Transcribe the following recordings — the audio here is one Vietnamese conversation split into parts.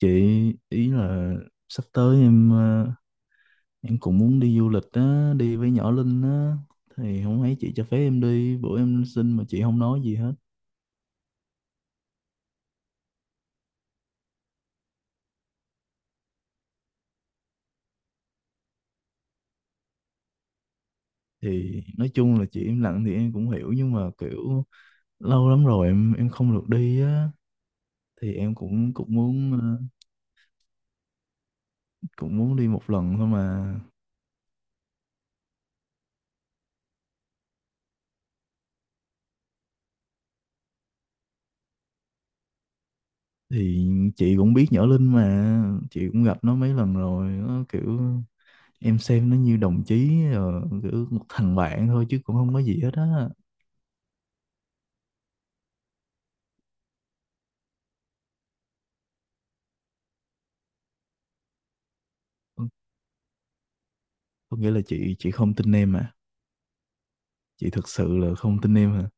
Chị ý là sắp tới em em cũng muốn đi du lịch á, đi với nhỏ Linh á thì không thấy chị cho phép em đi, bữa em xin mà chị không nói gì hết. Thì nói chung là chị im lặng thì em cũng hiểu nhưng mà kiểu lâu lắm rồi em không được đi á thì em cũng cũng muốn cũng muốn đi một lần thôi mà. Thì chị cũng biết nhỏ Linh mà, chị cũng gặp nó mấy lần rồi, nó kiểu em xem nó như đồng chí kiểu một thằng bạn thôi chứ cũng không có gì hết á. Có nghĩa là chị không tin em à, chị thực sự là không tin em à?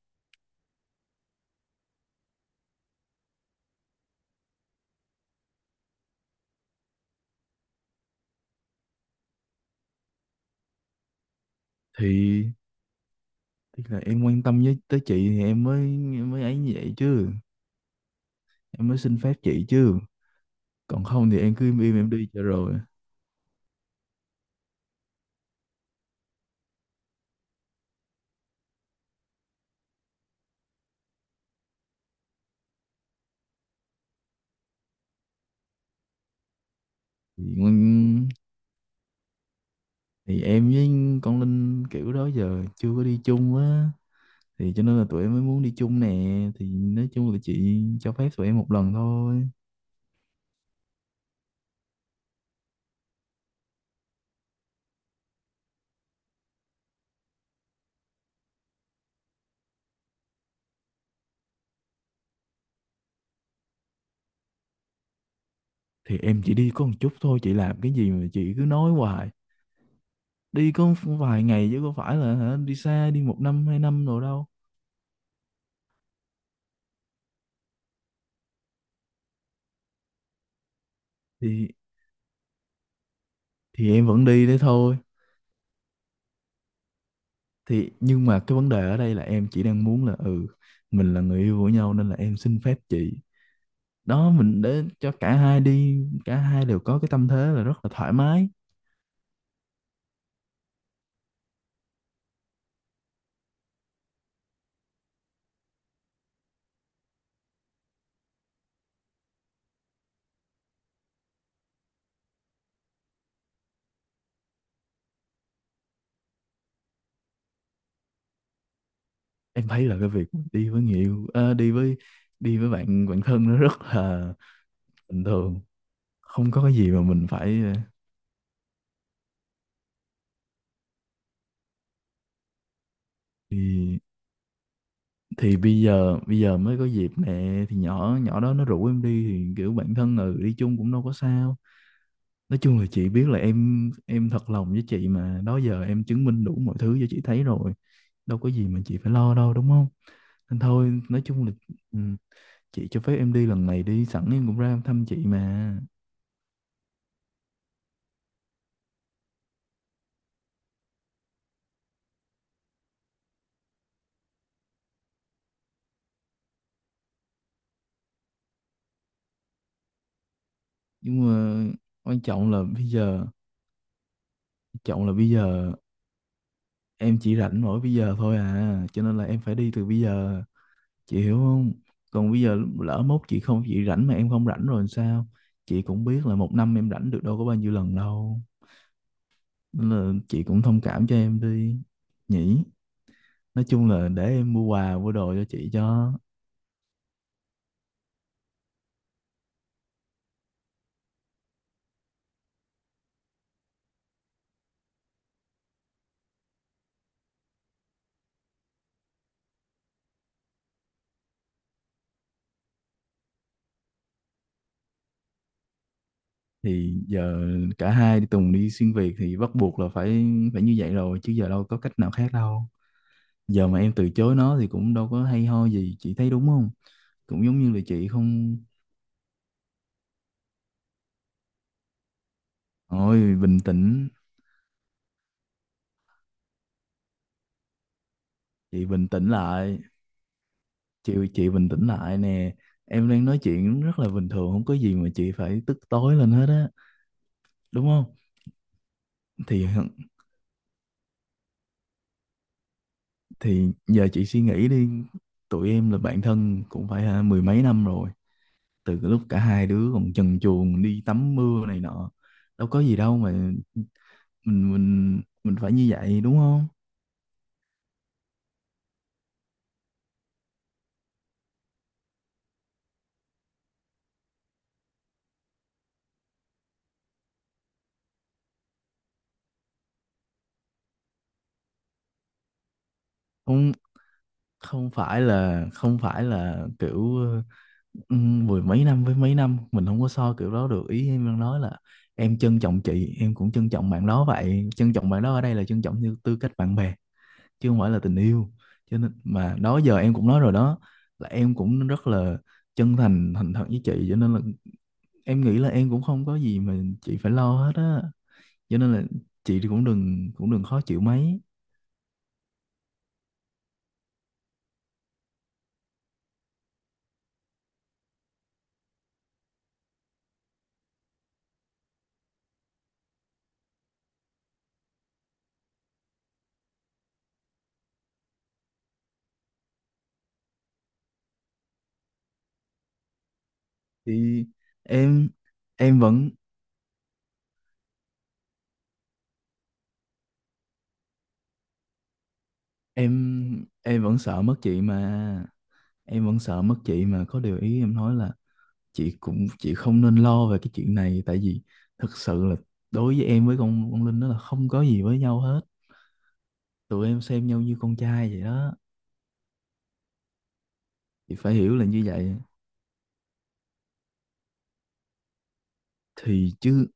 Thì tức là em quan tâm với tới chị thì em mới ấy như vậy chứ, em mới xin phép chị chứ, còn không thì em cứ im im em đi cho rồi. thì, nguyên- thì em với con Linh kiểu đó giờ chưa có đi chung á, thì cho nên là tụi em mới muốn đi chung nè, thì nói chung là chị cho phép tụi em một lần thôi. Thì em chỉ đi có một chút thôi, chị làm cái gì mà chị cứ nói hoài, đi có vài ngày chứ có phải là hả, đi xa đi một năm hai năm rồi đâu. thì thì em vẫn đi đấy thôi, thì nhưng mà cái vấn đề ở đây là em chỉ đang muốn là ừ, mình là người yêu của nhau nên là em xin phép chị, đó mình để cho cả hai đi, cả hai đều có cái tâm thế là rất là thoải mái. Em thấy là cái việc đi với người yêu đi với bạn bạn thân nó rất là bình thường, không có cái gì mà mình phải thì thì bây giờ mới có dịp nè, thì nhỏ nhỏ đó nó rủ em đi thì kiểu bạn thân, ừ, đi chung cũng đâu có sao. Nói chung là chị biết là em thật lòng với chị mà, đó giờ em chứng minh đủ mọi thứ cho chị thấy rồi, đâu có gì mà chị phải lo đâu, đúng không? Nên thôi, nói chung là ừ, chị cho phép em đi lần này đi, sẵn em cũng ra thăm chị mà. Nhưng mà quan trọng là bây giờ, quan trọng là bây giờ em chỉ rảnh mỗi bây giờ thôi à, cho nên là em phải đi từ bây giờ, chị hiểu không? Còn bây giờ lỡ mốt chị không, chị rảnh mà em không rảnh rồi làm sao? Chị cũng biết là một năm em rảnh được đâu có bao nhiêu lần đâu. Nên là chị cũng thông cảm cho em đi nhỉ, nói chung là để em mua quà mua đồ cho chị cho. Thì giờ cả hai đi Tùng đi xuyên Việt thì bắt buộc là phải phải như vậy rồi chứ, giờ đâu có cách nào khác đâu, giờ mà em từ chối nó thì cũng đâu có hay ho gì, chị thấy đúng không? Cũng giống như là chị không. Ôi, bình tĩnh, chị bình tĩnh lại, chị bình tĩnh lại nè, em đang nói chuyện rất là bình thường, không có gì mà chị phải tức tối lên hết á, đúng không? thì Thì giờ chị suy nghĩ đi, tụi em là bạn thân cũng phải hả, mười mấy năm rồi. Từ cái lúc cả hai đứa còn trần truồng đi tắm mưa này nọ. Đâu có gì đâu mà mình mình phải như vậy đúng không? Không, không phải là, không phải là kiểu ừ, mười mấy năm với mấy năm mình không có so kiểu đó được. Ý em đang nói là em trân trọng chị, em cũng trân trọng bạn đó vậy. Trân trọng bạn đó ở đây là trân trọng như tư cách bạn bè, chứ không phải là tình yêu. Cho nên mà đó giờ em cũng nói rồi đó, là em cũng rất là chân thành thành thật với chị, cho nên là em nghĩ là em cũng không có gì mà chị phải lo hết á. Cho nên là chị thì cũng đừng, cũng đừng khó chịu mấy. Thì em em vẫn em vẫn sợ mất chị mà, em vẫn sợ mất chị mà, có điều ý em nói là chị cũng, chị không nên lo về cái chuyện này, tại vì thực sự là đối với em, với con Linh đó là không có gì với nhau hết, tụi em xem nhau như con trai vậy đó, thì phải hiểu là như vậy. Thì chứ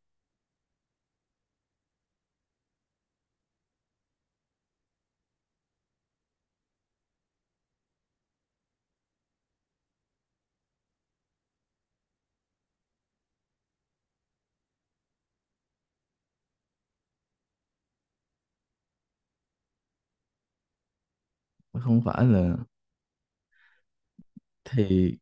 không phải là, thì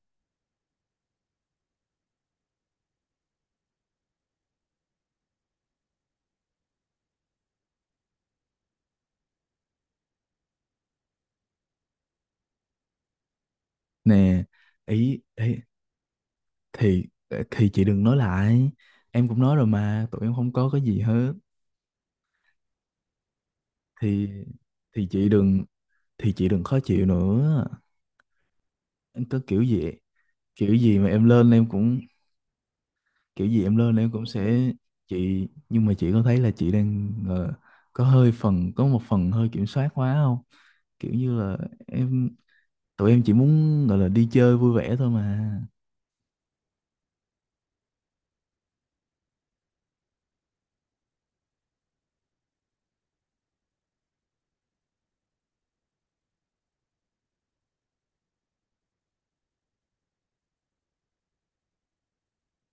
nè, ý thì thì chị đừng nói lại, em cũng nói rồi mà tụi em không có cái gì hết. thì thì chị đừng, thì chị đừng khó chịu nữa. Em có kiểu gì, kiểu gì mà em lên em cũng, kiểu gì em lên em cũng sẽ, chị nhưng mà chị có thấy là chị đang có hơi phần, có một phần hơi kiểm soát quá không, kiểu như là em tụi em chỉ muốn gọi là đi chơi vui vẻ thôi mà.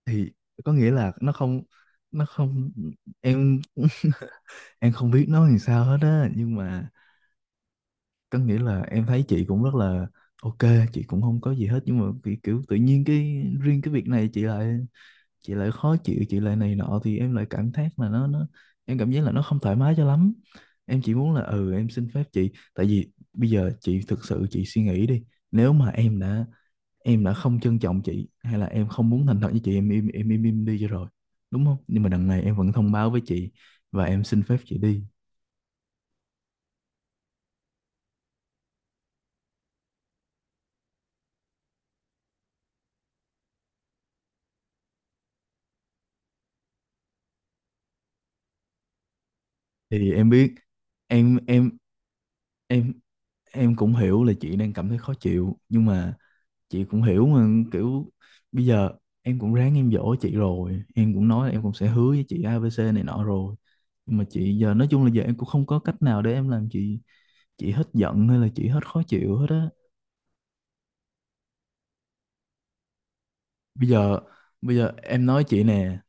Thì có nghĩa là nó không, nó không em em không biết nói làm sao hết á, nhưng mà có nghĩa là em thấy chị cũng rất là ok, chị cũng không có gì hết, nhưng mà kiểu, kiểu tự nhiên cái riêng cái việc này chị lại, chị lại khó chịu chị lại này nọ, thì em lại cảm giác là nó, em cảm giác là nó không thoải mái cho lắm. Em chỉ muốn là ừ em xin phép chị, tại vì bây giờ chị thực sự chị suy nghĩ đi, nếu mà em đã không trân trọng chị hay là em không muốn thành thật với chị, em im im đi cho rồi đúng không, nhưng mà đằng này em vẫn thông báo với chị và em xin phép chị đi. Thì em biết, em em em em cũng hiểu là chị đang cảm thấy khó chịu, nhưng mà chị cũng hiểu mà kiểu bây giờ em cũng ráng em dỗ chị rồi, em cũng nói là em cũng sẽ hứa với chị ABC này nọ rồi, nhưng mà chị giờ nói chung là giờ em cũng không có cách nào để em làm chị hết giận hay là chị hết khó chịu hết á. bây giờ Bây giờ em nói chị nè,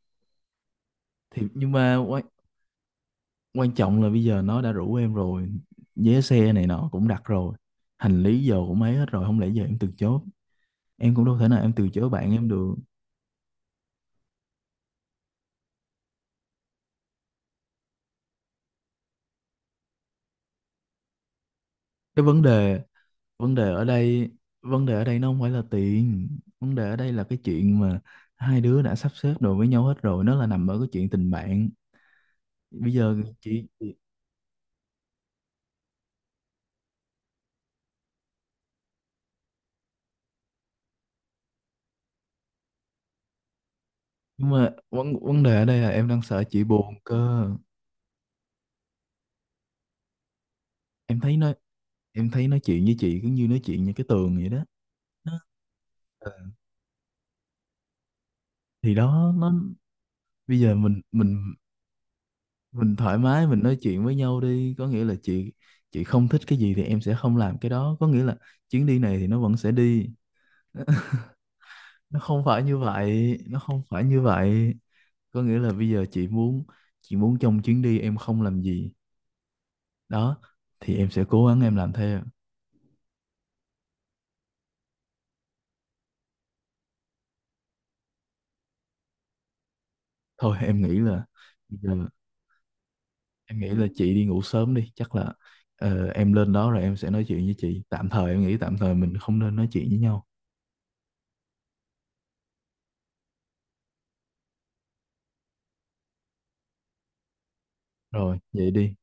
thì nhưng mà quan trọng là bây giờ nó đã rủ em rồi, vé xe này nọ cũng đặt rồi, hành lý giờ cũng ấy hết rồi, không lẽ giờ em từ chối, em cũng đâu thể nào em từ chối bạn em được. Cái vấn đề, vấn đề ở đây vấn đề ở đây nó không phải là tiền, vấn đề ở đây là cái chuyện mà hai đứa đã sắp xếp đồ với nhau hết rồi, nó là nằm ở cái chuyện tình bạn. Bây giờ nhưng mà vấn vấn đề ở đây là em đang sợ chị buồn cơ. Em thấy nó, em thấy nói chuyện với chị cứ như nói chuyện như cái tường vậy đó. Nó ờ, thì đó nó, bây giờ mình mình thoải mái mình nói chuyện với nhau đi, có nghĩa là chị không thích cái gì thì em sẽ không làm cái đó, có nghĩa là chuyến đi này thì nó vẫn sẽ đi. Nó không phải như vậy, nó không phải như vậy, có nghĩa là bây giờ chị muốn, chị muốn trong chuyến đi em không làm gì đó thì em sẽ cố gắng em làm theo. Thôi em nghĩ là bây giờ, em nghĩ là chị đi ngủ sớm đi, chắc là em lên đó rồi em sẽ nói chuyện với chị, tạm thời em nghĩ tạm thời mình không nên nói chuyện với nhau. Rồi vậy đi.